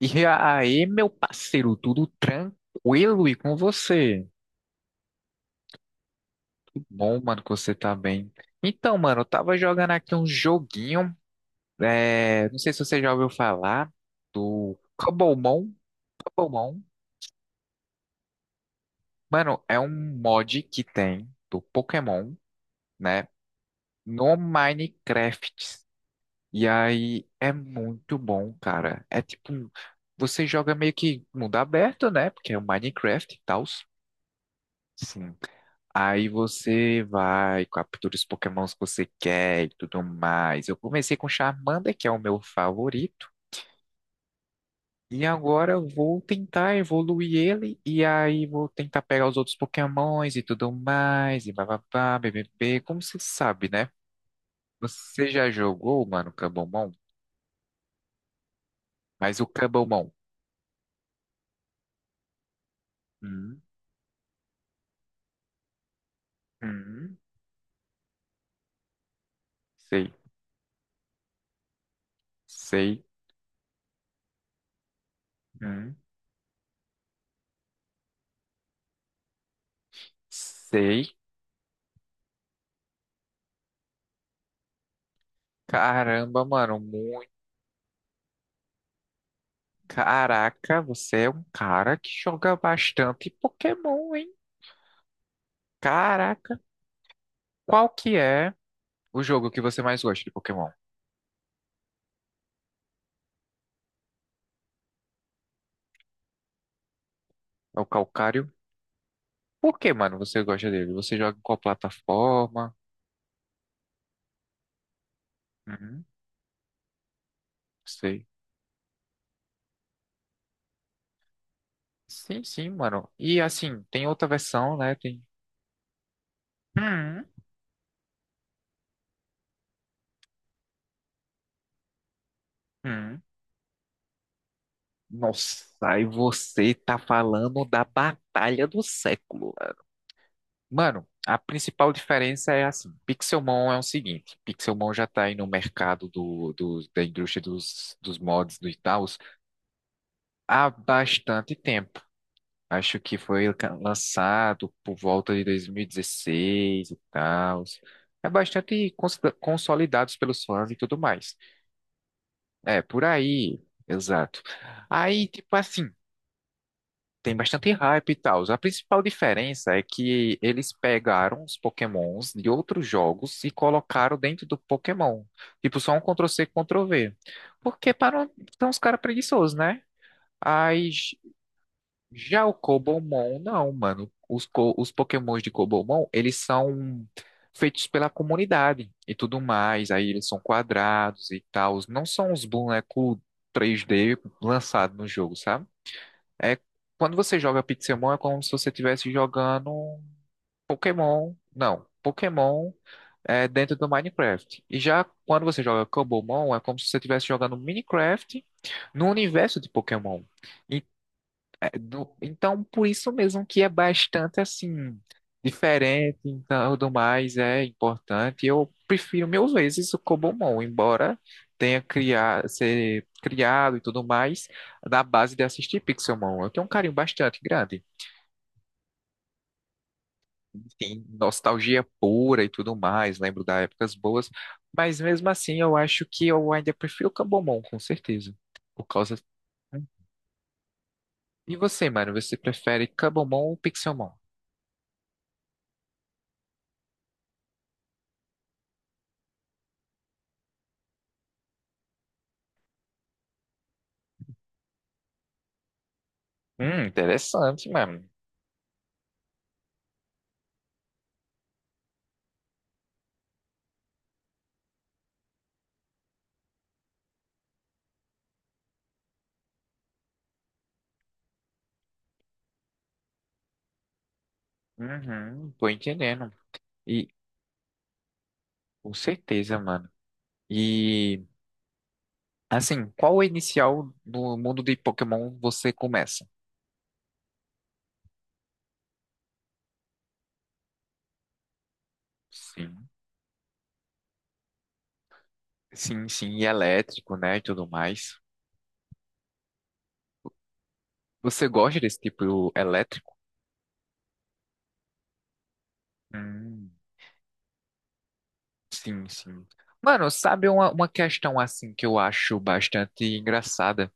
E aí, meu parceiro, tudo tranquilo e com você? Que bom, mano, que você tá bem. Então, mano, eu tava jogando aqui um joguinho, não sei se você já ouviu falar do Cobblemon. Cobblemon, mano, é um mod que tem do Pokémon, né, no Minecraft. E aí, é muito bom, cara. É tipo, você joga meio que mundo aberto, né, porque é o Minecraft e tal. Sim. Aí você vai, captura os Pokémons que você quer e tudo mais. Eu comecei com Charmander, que é o meu favorito, e agora eu vou tentar evoluir ele, e aí vou tentar pegar os outros Pokémons e tudo mais, e bababá, bbb. Como você sabe, né? Você já jogou, mano, Kabumon? Mas o Kabumon. Hum, hum, sei, sei, hum, sei. Caramba, mano. Caraca, você é um cara que joga bastante Pokémon, hein? Caraca, qual que é o jogo que você mais gosta de Pokémon? É o Calcário? Por que, mano, você gosta dele? Você joga em qual plataforma? Hum, sei. Sim, sim, mano. E assim, tem outra versão, né? Tem. Hum, hum. Nossa, e você tá falando da Batalha do Século. Mano, a principal diferença é assim, Pixelmon é o seguinte, Pixelmon já tá aí no mercado da indústria dos mods do Itaús há bastante tempo. Acho que foi lançado por volta de 2016 e dezesseis e tal. É bastante consolidados pelos fãs e tudo mais. É, por aí, exato. Aí, tipo assim, tem bastante hype e tal. A principal diferença é que eles pegaram os Pokémons de outros jogos e colocaram dentro do Pokémon. Tipo, só um Ctrl-C, Ctrl-V. Porque para não... são os caras preguiçosos, né? Aí j- Já o Cobomon, não, mano. Os Pokémons de Cobomon, eles são feitos pela comunidade e tudo mais. Aí eles são quadrados e tal. Não são os bonecos 3D lançados no jogo, sabe? É, quando você joga Pixelmon, é como se você estivesse jogando um Pokémon. Não, Pokémon é dentro do Minecraft. E já quando você joga Cobblemon, é como se você estivesse jogando Minecraft no universo de Pokémon. É, então, por isso mesmo que é bastante assim diferente, então tudo mais é importante. Eu prefiro mil vezes o Cobomon, embora tenha criado, ser criado e tudo mais na base de assistir Pixelmon. Eu tenho um carinho bastante grande. Tem nostalgia pura e tudo mais, lembro da épocas boas, mas mesmo assim eu acho que eu ainda prefiro o Cobomon, com certeza. Por causa. Hum. E você, mano, você prefere Cobomon ou Pixelmon? Interessante, mano. Uhum, tô entendendo. E com certeza, mano. E assim, qual é inicial do mundo de Pokémon você começa? Sim. Sim, sim, e elétrico, né, e tudo mais. Você gosta desse tipo elétrico? Hum, sim, sim. Mano, sabe uma questão assim que eu acho bastante engraçada?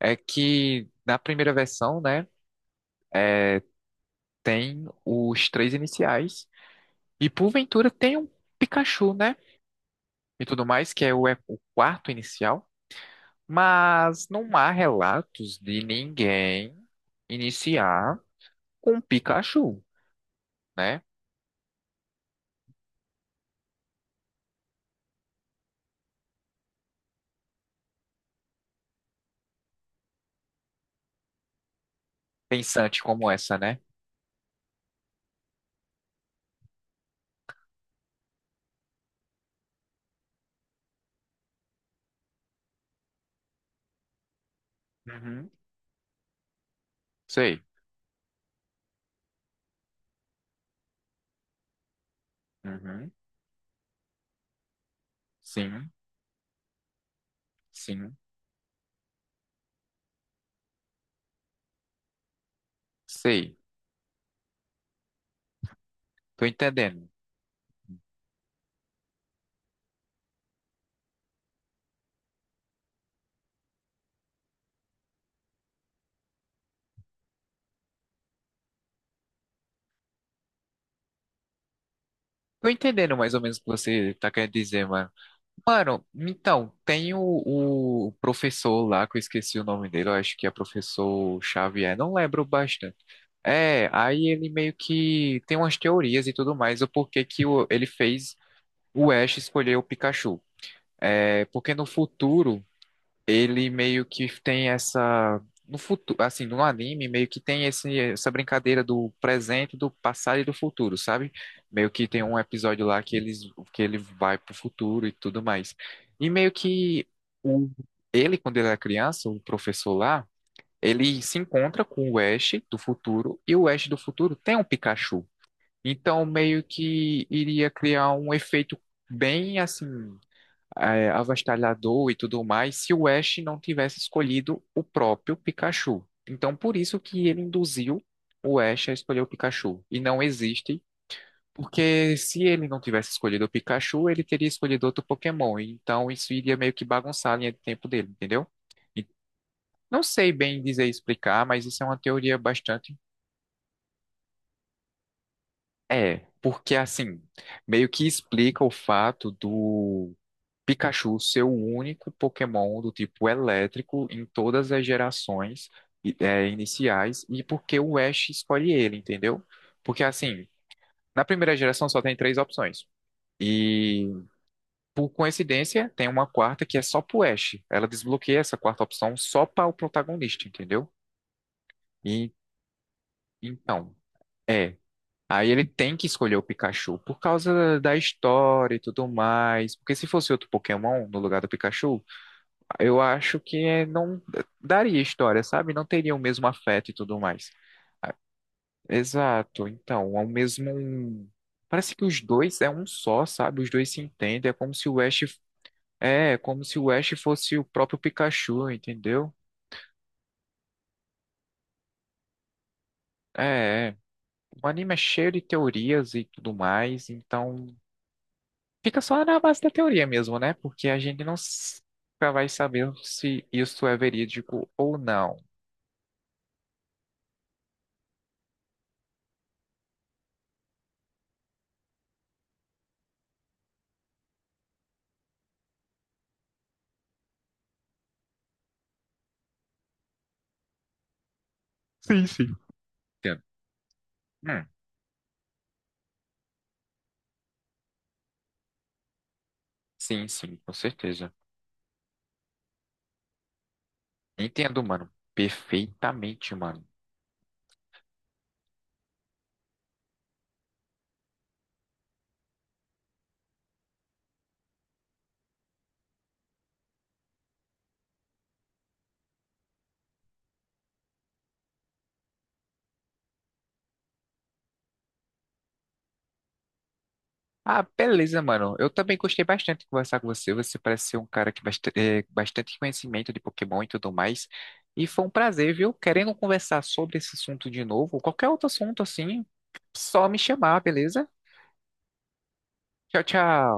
É que na primeira versão, né, é, tem os três iniciais e porventura tem um Pikachu, né? E tudo mais, que é é o quarto inicial, mas não há relatos de ninguém iniciar com Pikachu, né? Pensante como essa, né? Uhum, sei. Uhum, sim, sim, sei. Tô entendendo. Tô entendendo mais ou menos o que você tá querendo dizer, mano. Mano, então, tem o professor lá, que eu esqueci o nome dele, eu acho que é professor Xavier, não lembro bastante. É, aí ele meio que tem umas teorias e tudo mais, o porquê que ele fez o Ash escolher o Pikachu. É, porque no futuro ele meio que tem essa. No futuro, assim, no anime, meio que tem essa brincadeira do presente, do passado e do futuro, sabe? Meio que tem um episódio lá que, eles, que ele vai pro futuro e tudo mais. E meio que o, ele, quando ele era criança, o professor lá ele se encontra com o Ash do futuro e o Ash do futuro tem um Pikachu. Então, meio que iria criar um efeito bem assim avastalhador e tudo mais se o Ash não tivesse escolhido o próprio Pikachu. Então, por isso que ele induziu o Ash a escolher o Pikachu. E não existe, porque se ele não tivesse escolhido o Pikachu, ele teria escolhido outro Pokémon. Então, isso iria meio que bagunçar a linha de tempo dele, entendeu? Não sei bem dizer e explicar, mas isso é uma teoria bastante. É, porque assim, meio que explica o fato do Pikachu ser o único Pokémon do tipo elétrico em todas as gerações iniciais e porque o Ash escolhe ele, entendeu? Porque assim, na primeira geração só tem três opções. E por coincidência, tem uma quarta que é só pro Ash. Ela desbloqueia essa quarta opção só para o protagonista, entendeu? E então. É, aí ele tem que escolher o Pikachu por causa da história e tudo mais. Porque se fosse outro Pokémon no lugar do Pikachu, eu acho que não daria história, sabe? Não teria o mesmo afeto e tudo mais. Exato. Então, é o mesmo. Um, parece que os dois é um só, sabe? Os dois se entendem. É como se o Ash é como se o Ash fosse o próprio Pikachu, entendeu? É, é. O anime é cheio de teorias e tudo mais, então fica só na base da teoria mesmo, né? Porque a gente não s- nunca vai saber se isso é verídico ou não. Sim, sim. Entendo. Hum, sim, sim, com certeza. Entendo, mano. Perfeitamente, mano. Ah, beleza, mano. Eu também gostei bastante de conversar com você. Você parece ser um cara que bastante conhecimento de Pokémon e tudo mais. E foi um prazer, viu? Querendo conversar sobre esse assunto de novo, qualquer outro assunto assim, só me chamar, beleza? Tchau, tchau.